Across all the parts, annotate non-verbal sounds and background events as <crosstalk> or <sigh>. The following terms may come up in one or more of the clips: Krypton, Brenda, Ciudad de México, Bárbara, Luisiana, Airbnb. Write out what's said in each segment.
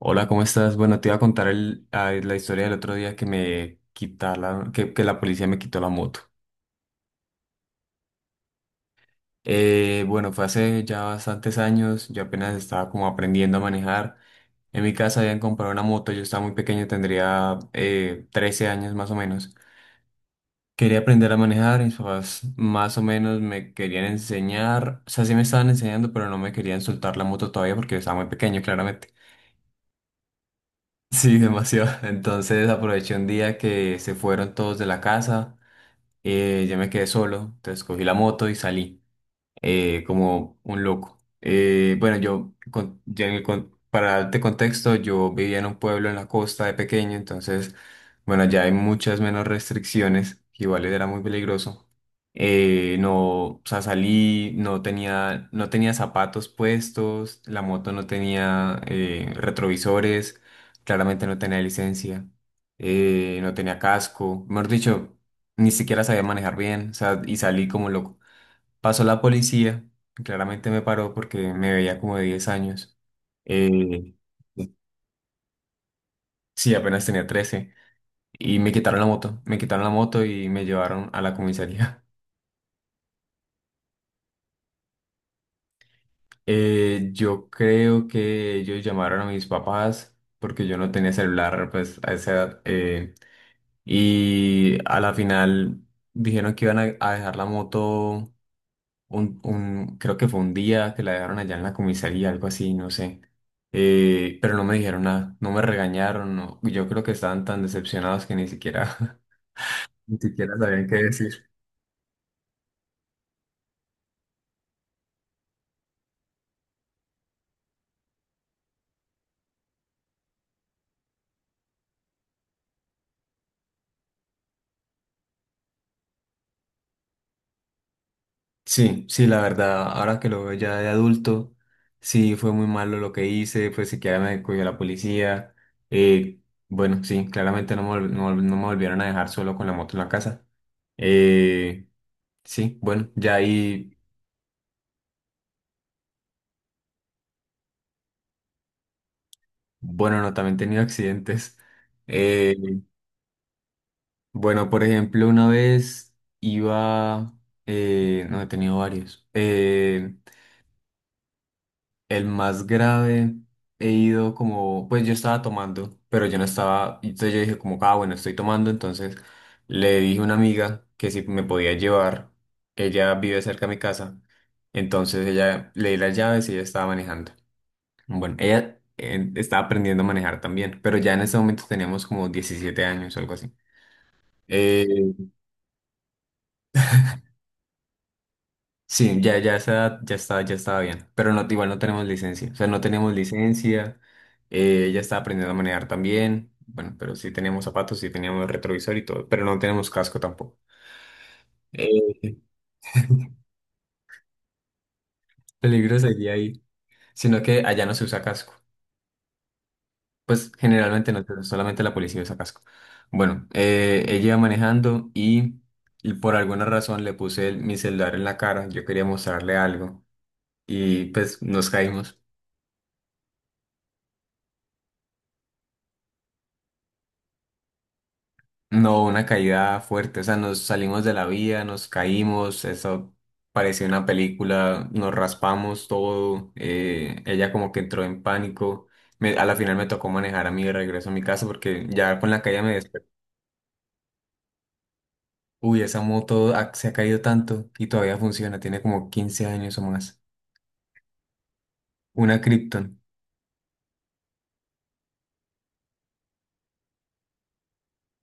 Hola, ¿cómo estás? Bueno, te iba a contar la historia del otro día que me quitaron, que la policía me quitó la moto. Bueno, fue hace ya bastantes años, yo apenas estaba como aprendiendo a manejar. En mi casa habían comprado una moto, yo estaba muy pequeño, tendría 13 años más o menos. Quería aprender a manejar, mis papás más o menos me querían enseñar, o sea, sí me estaban enseñando, pero no me querían soltar la moto todavía porque yo estaba muy pequeño, claramente. Sí, demasiado. <laughs> Entonces aproveché un día que se fueron todos de la casa, yo me quedé solo, entonces cogí la moto y salí como un loco. Bueno, yo, con- ya en el con- para darte contexto, yo vivía en un pueblo en la costa de pequeño, entonces, bueno, ya hay muchas menos restricciones, que igual era muy peligroso. No, o sea, salí, no tenía zapatos puestos, la moto no tenía retrovisores, claramente no tenía licencia, no tenía casco, mejor dicho, ni siquiera sabía manejar bien, o sea, y salí como loco. Pasó la policía, y claramente me paró porque me veía como de 10 años. Eh, sí, apenas tenía 13. Y me quitaron la moto, me quitaron la moto y me llevaron a la comisaría. <laughs> Yo creo que ellos llamaron a mis papás porque yo no tenía celular pues a esa edad. Y a la final dijeron que iban a dejar la moto creo que fue un día que la dejaron allá en la comisaría, algo así, no sé. Pero no me dijeron nada, no me regañaron, no. Yo creo que estaban tan decepcionados que ni siquiera, <laughs> ni siquiera sabían qué decir. Sí, sí, la verdad, ahora que lo veo ya de adulto, sí, fue muy malo lo que hice, pues siquiera me cogió la policía. Eh, bueno, sí, claramente no me volvieron a dejar solo con la moto en la casa. Eh, sí, bueno, ya ahí, bueno, no, también he tenido accidentes. Eh, Bueno, por ejemplo, una vez iba, no, he tenido varios. El más grave, he ido como, pues yo estaba tomando, pero yo no estaba, entonces yo dije como, ah, bueno, estoy tomando, entonces le dije a una amiga que si me podía llevar, ella vive cerca de mi casa, entonces ella le di las llaves y ella estaba manejando. Bueno, ella estaba aprendiendo a manejar también, pero ya en ese momento teníamos como 17 años o algo así. Eh, Sí, ya, ya esa edad ya estaba bien, pero no, igual no tenemos licencia, o sea, no tenemos licencia, ella estaba aprendiendo a manejar también, bueno, pero sí teníamos zapatos, sí teníamos retrovisor y todo, pero no tenemos casco tampoco. Eh, Peligro sería ahí, sino que allá no se usa casco, pues generalmente no, pero solamente la policía usa casco. Bueno, ella iba manejando y por alguna razón mi celular en la cara, yo quería mostrarle algo y pues nos caímos. No, una caída fuerte, o sea, nos salimos de la vía, nos caímos, eso parecía una película, nos raspamos todo, ella como que entró en pánico, a la final me tocó manejar a mí de regreso a mi casa porque ya con la caída me desperté. Uy, se ha caído tanto y todavía funciona, tiene como 15 años o más. Una Krypton,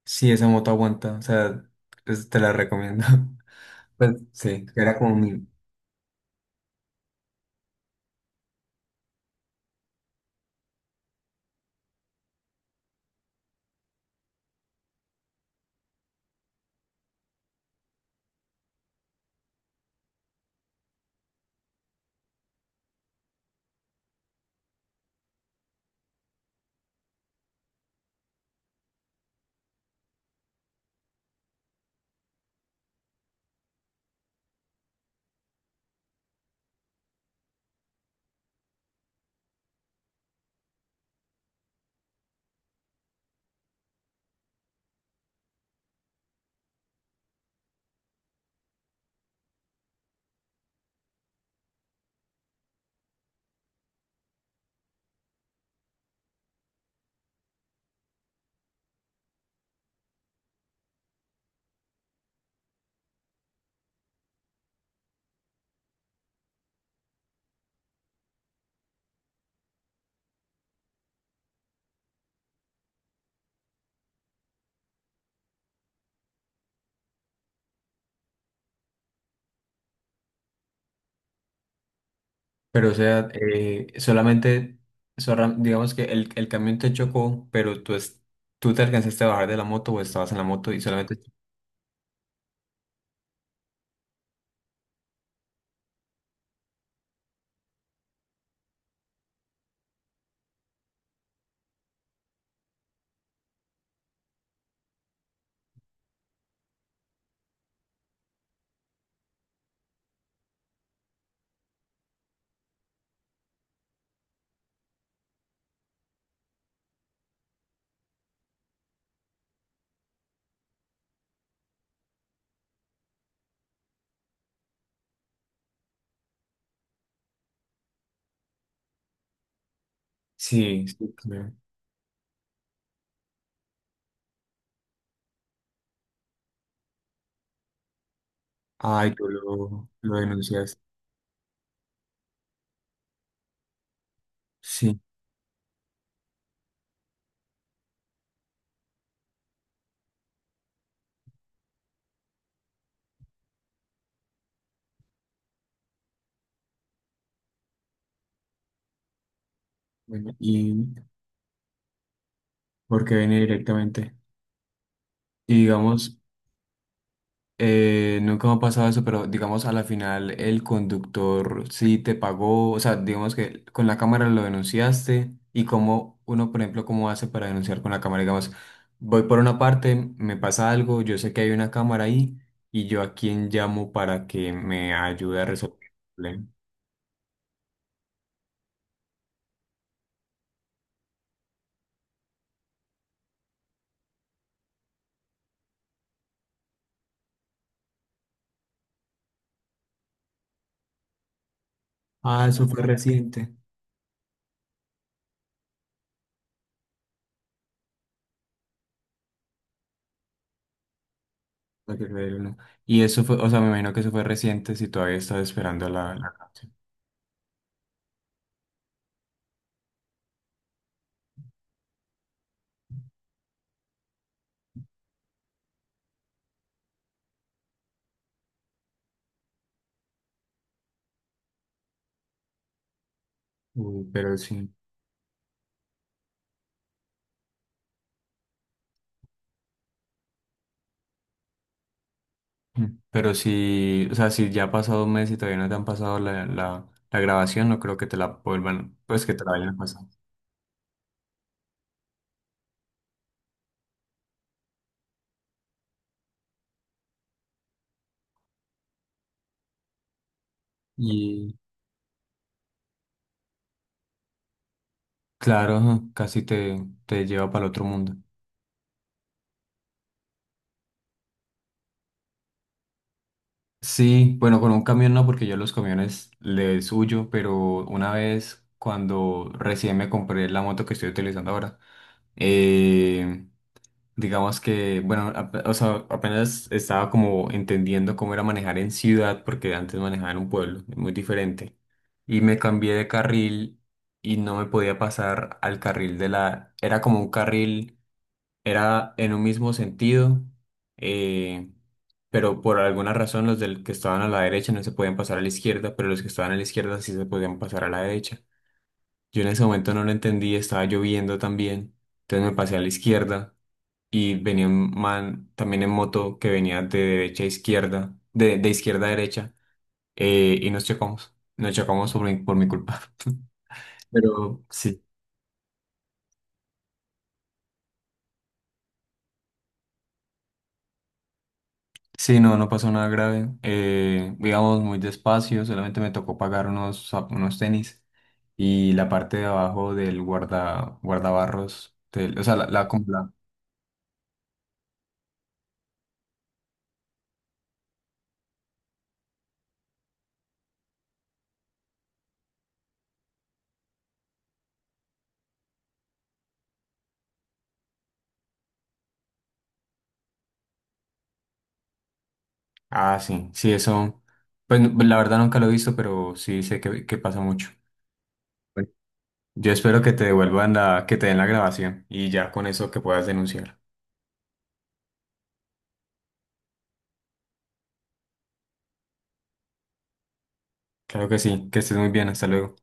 sí, esa moto aguanta, o sea, te la recomiendo. <laughs> Pues sí, era como mi... Pero o sea, solamente, digamos que el camión te chocó, pero tú te alcanzaste a bajar de la moto o estabas en la moto y solamente... Sí, sí, claro. Ay, lo denuncias. Sí, bueno, y porque viene directamente. Y digamos, nunca me ha pasado eso, pero digamos a la final el conductor sí te pagó, o sea, digamos que con la cámara lo denunciaste y como uno, por ejemplo, cómo hace para denunciar con la cámara, digamos, voy por una parte, me pasa algo, yo sé que hay una cámara ahí y yo a quién llamo para que me ayude a resolver el problema. Ah, eso fue reciente. No te creo, no. Y eso fue, o sea, me imagino que eso fue reciente si todavía estás esperando la cárcel. Uy, pero sí. Mm. Pero si, o sea, si ya ha pasado un mes y todavía no te han pasado la grabación, no creo que te la vuelvan, pues que te la vayan a pasar. Y claro, ajá, casi te lleva para el otro mundo. Sí, bueno, con un camión no, porque yo los camiones les huyo, pero una vez cuando recién me compré la moto que estoy utilizando ahora, eh, digamos que, bueno, o sea, apenas estaba como entendiendo cómo era manejar en ciudad, porque antes manejaba en un pueblo, es muy diferente. Y me cambié de carril y no me podía pasar al carril de la... Era como un carril, era en un mismo sentido, eh, pero por alguna razón los del que estaban a la derecha no se podían pasar a la izquierda, pero los que estaban a la izquierda sí se podían pasar a la derecha. Yo en ese momento no lo entendí, estaba lloviendo también, entonces me pasé a la izquierda y venía un man también en moto que venía de derecha a izquierda, de izquierda a derecha, y nos chocamos. Nos chocamos por mi culpa. <laughs> Pero sí, sí, no, no pasó nada grave. Íbamos muy despacio, solamente me tocó pagar unos, unos tenis y la parte de abajo del guardabarros, o sea, como la... Ah, sí, sí, eso. Pues la verdad nunca lo he visto, pero sí sé que pasa mucho. Yo espero que te devuelvan la, que te den la grabación y ya con eso que puedas denunciar. Claro que sí, que estés muy bien, hasta luego.